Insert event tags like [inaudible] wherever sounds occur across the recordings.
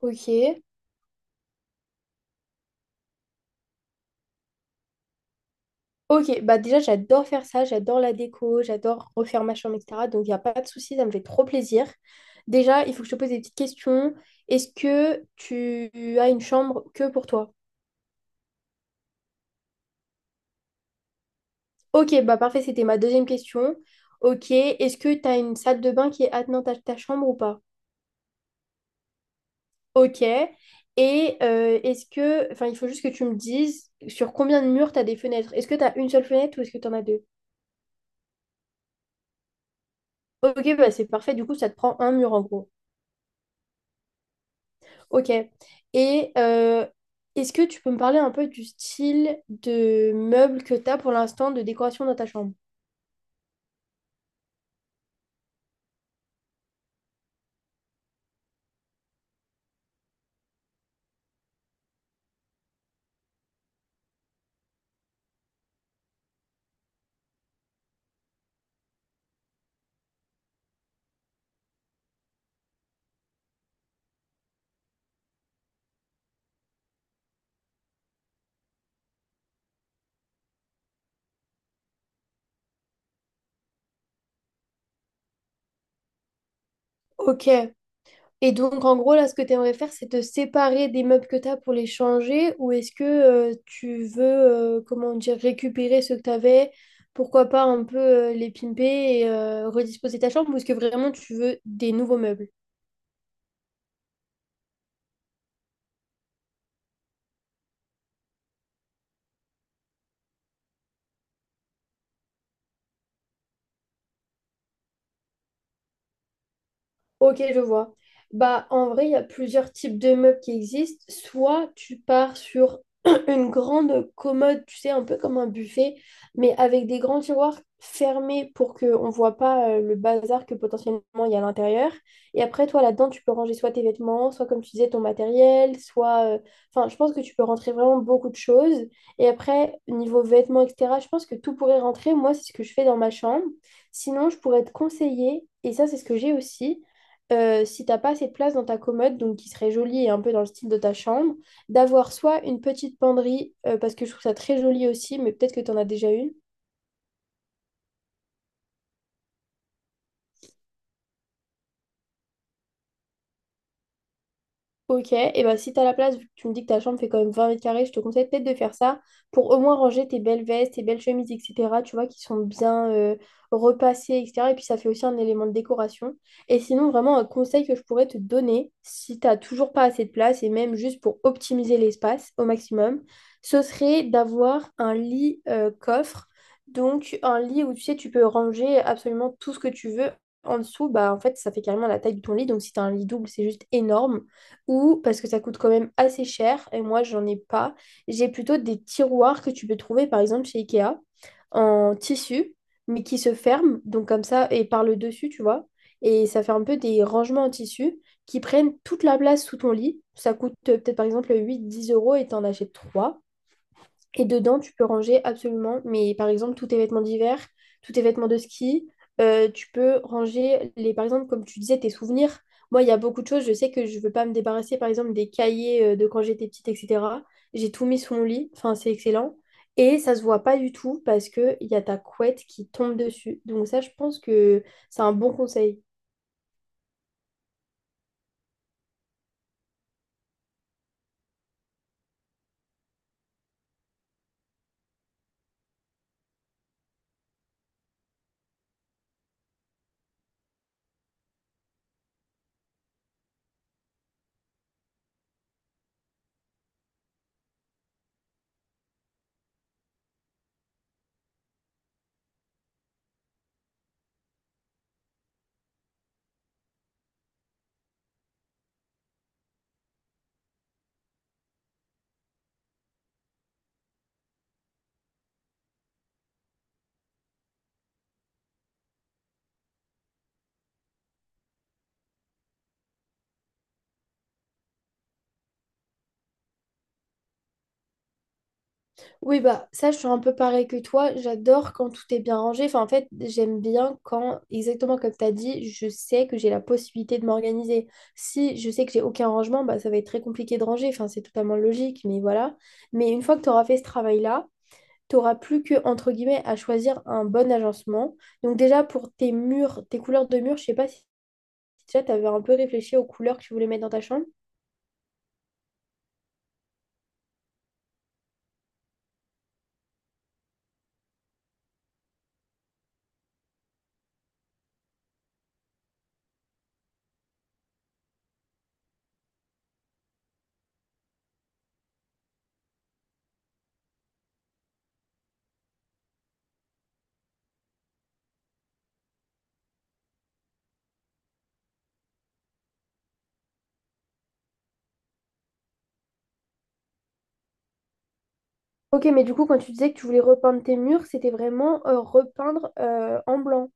Ok. Ok, bah déjà j'adore faire ça, j'adore la déco, j'adore refaire ma chambre, etc. Donc il n'y a pas de souci, ça me fait trop plaisir. Déjà, il faut que je te pose des petites questions. Est-ce que tu as une chambre que pour toi? Ok, bah parfait, c'était ma deuxième question. Ok, est-ce que tu as une salle de bain qui est attenante à ta chambre ou pas? Ok. Et est-ce que, enfin il faut juste que tu me dises sur combien de murs tu as des fenêtres. Est-ce que tu as une seule fenêtre ou est-ce que tu en as deux? Ok, bah c'est parfait, du coup ça te prend un mur en gros. Ok. Et est-ce que tu peux me parler un peu du style de meubles que tu as pour l'instant de décoration dans ta chambre? Ok. Et donc, en gros, là, ce que tu aimerais faire, c'est te séparer des meubles que tu as pour les changer ou est-ce que tu veux, comment dire, récupérer ceux que tu avais, pourquoi pas un peu les pimper et redisposer ta chambre ou est-ce que vraiment tu veux des nouveaux meubles? Ok, je vois. Bah, en vrai, il y a plusieurs types de meubles qui existent. Soit tu pars sur [clears throat] une grande commode, tu sais, un peu comme un buffet, mais avec des grands tiroirs fermés pour qu'on ne voit pas le bazar que potentiellement il y a à l'intérieur. Et après, toi, là-dedans, tu peux ranger soit tes vêtements, soit, comme tu disais, ton matériel, soit enfin, je pense que tu peux rentrer vraiment beaucoup de choses. Et après, niveau vêtements, etc., je pense que tout pourrait rentrer. Moi, c'est ce que je fais dans ma chambre. Sinon, je pourrais te conseiller, et ça, c'est ce que j'ai aussi si t'as pas assez de place dans ta commode, donc qui serait jolie et un peu dans le style de ta chambre, d'avoir soit une petite penderie, parce que je trouve ça très joli aussi, mais peut-être que tu en as déjà une. Ok, et bah si t'as la place, vu que tu me dis que ta chambre fait quand même 20 m², je te conseille peut-être de faire ça pour au moins ranger tes belles vestes, tes belles chemises, etc. Tu vois, qui sont bien repassées, etc. Et puis ça fait aussi un élément de décoration. Et sinon, vraiment, un conseil que je pourrais te donner, si t'as toujours pas assez de place, et même juste pour optimiser l'espace au maximum, ce serait d'avoir un lit coffre. Donc un lit où tu sais, tu peux ranger absolument tout ce que tu veux. En dessous, bah en fait, ça fait carrément la taille de ton lit. Donc si t'as un lit double, c'est juste énorme ou parce que ça coûte quand même assez cher et moi j'en ai pas. J'ai plutôt des tiroirs que tu peux trouver par exemple chez Ikea en tissu mais qui se ferment donc comme ça et par le dessus tu vois et ça fait un peu des rangements en tissu qui prennent toute la place sous ton lit. Ça coûte peut-être par exemple 8-10 euros et t'en achètes 3. Et dedans, tu peux ranger absolument, mais par exemple, tous tes vêtements d'hiver, tous tes vêtements de ski, tu peux ranger, les, par exemple, comme tu disais, tes souvenirs. Moi, il y a beaucoup de choses, je sais que je veux pas me débarrasser, par exemple, des cahiers de quand j'étais petite, etc. J'ai tout mis sous mon lit, enfin, c'est excellent. Et ça se voit pas du tout parce qu'il y a ta couette qui tombe dessus. Donc ça, je pense que c'est un bon conseil. Oui, bah ça, je suis un peu pareil que toi. J'adore quand tout est bien rangé. Enfin, en fait, j'aime bien quand, exactement comme tu as dit, je sais que j'ai la possibilité de m'organiser. Si je sais que j'ai aucun rangement, bah, ça va être très compliqué de ranger. Enfin, c'est totalement logique, mais voilà. Mais une fois que tu auras fait ce travail-là, tu n'auras plus que, entre guillemets, à choisir un bon agencement. Donc déjà, pour tes murs, tes couleurs de murs, je sais pas si déjà tu avais un peu réfléchi aux couleurs que tu voulais mettre dans ta chambre. Ok, mais du coup, quand tu disais que tu voulais repeindre tes murs, c'était vraiment repeindre en blanc.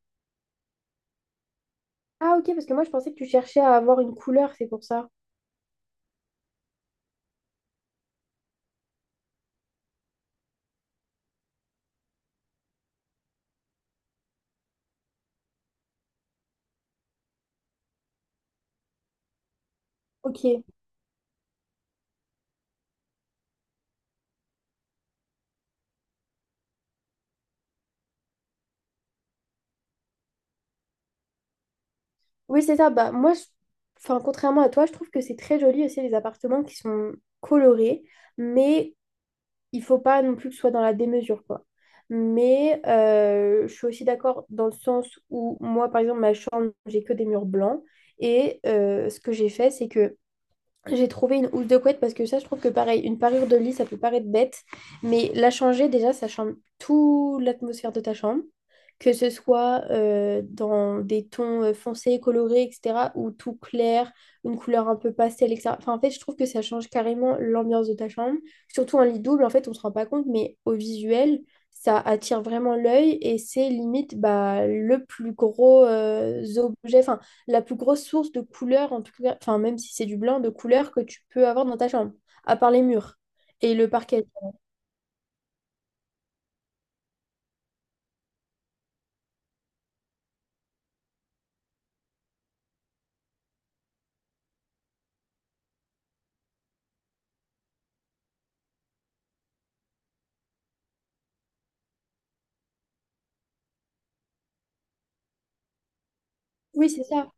Ah ok, parce que moi je pensais que tu cherchais à avoir une couleur, c'est pour ça. Ok. Oui, c'est ça. Bah moi, enfin, contrairement à toi, je trouve que c'est très joli aussi les appartements qui sont colorés, mais il faut pas non plus que ce soit dans la démesure, quoi. Mais je suis aussi d'accord dans le sens où moi, par exemple, ma chambre, j'ai que des murs blancs. Et ce que j'ai fait, c'est que j'ai trouvé une housse de couette parce que ça, je trouve que pareil, une parure de lit, ça peut paraître bête, mais la changer, déjà, ça change toute l'atmosphère de ta chambre, que ce soit dans des tons foncés, colorés, etc., ou tout clair, une couleur un peu pastel, etc. Enfin, en fait, je trouve que ça change carrément l'ambiance de ta chambre, surtout un lit double, en fait, on se rend pas compte, mais au visuel, ça attire vraiment l'œil et c'est limite bah, le plus gros objet. Enfin, la plus grosse source de couleur, en tout cas, enfin, même si c'est du blanc, de couleur que tu peux avoir dans ta chambre, à part les murs et le parquet. Oui, c'est ça.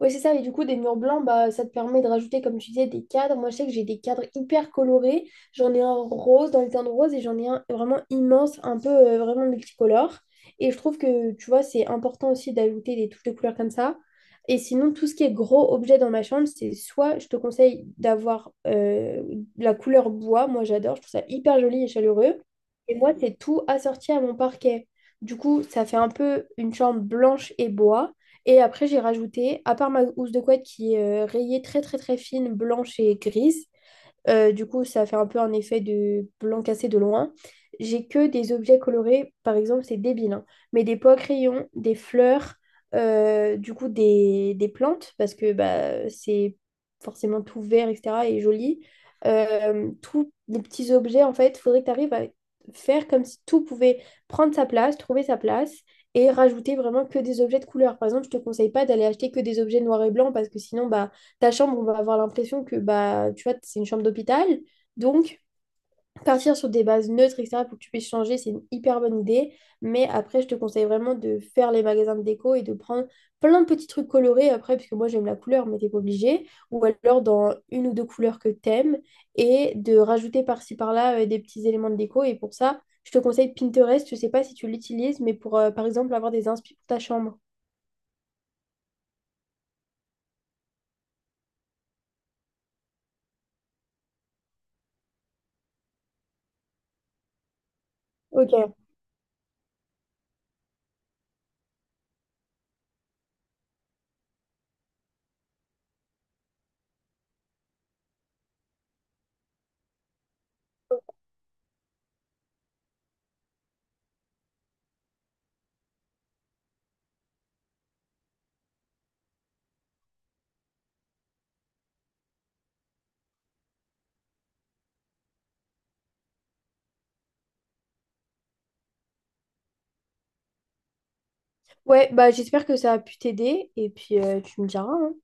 Oui, c'est ça. Et du coup, des murs blancs, bah, ça te permet de rajouter, comme tu disais, des cadres. Moi, je sais que j'ai des cadres hyper colorés. J'en ai un rose dans le les de rose et j'en ai un vraiment immense, un peu vraiment multicolore. Et je trouve que, tu vois, c'est important aussi d'ajouter des touches de couleurs comme ça. Et sinon, tout ce qui est gros objet dans ma chambre, c'est soit je te conseille d'avoir la couleur bois. Moi, j'adore. Je trouve ça hyper joli et chaleureux. Et moi, c'est tout assorti à mon parquet. Du coup, ça fait un peu une chambre blanche et bois. Et après, j'ai rajouté, à part ma housse de couette qui est rayée très très très fine, blanche et grise, du coup, ça fait un peu un effet de blanc cassé de loin. J'ai que des objets colorés, par exemple, c'est débile, hein, mais des pots à crayon, des fleurs, du coup, des plantes, parce que bah, c'est forcément tout vert, etc., et joli. Tous les petits objets, en fait, il faudrait que tu arrives à faire comme si tout pouvait prendre sa place, trouver sa place, et rajouter vraiment que des objets de couleur. Par exemple, je te conseille pas d'aller acheter que des objets noirs et blancs, parce que sinon, bah, ta chambre, on va avoir l'impression que bah, tu vois, c'est une chambre d'hôpital. Donc, partir sur des bases neutres, etc., pour que tu puisses changer, c'est une hyper bonne idée. Mais après, je te conseille vraiment de faire les magasins de déco et de prendre plein de petits trucs colorés après, parce que moi, j'aime la couleur, mais t'es pas obligé. Ou alors dans une ou deux couleurs que t'aimes et de rajouter par-ci par-là des petits éléments de déco. Et pour ça, je te conseille Pinterest. Je sais pas si tu l'utilises, mais pour, par exemple, avoir des inspi pour ta chambre. Ok. Ouais, bah j'espère que ça a pu t'aider et puis tu me diras, hein.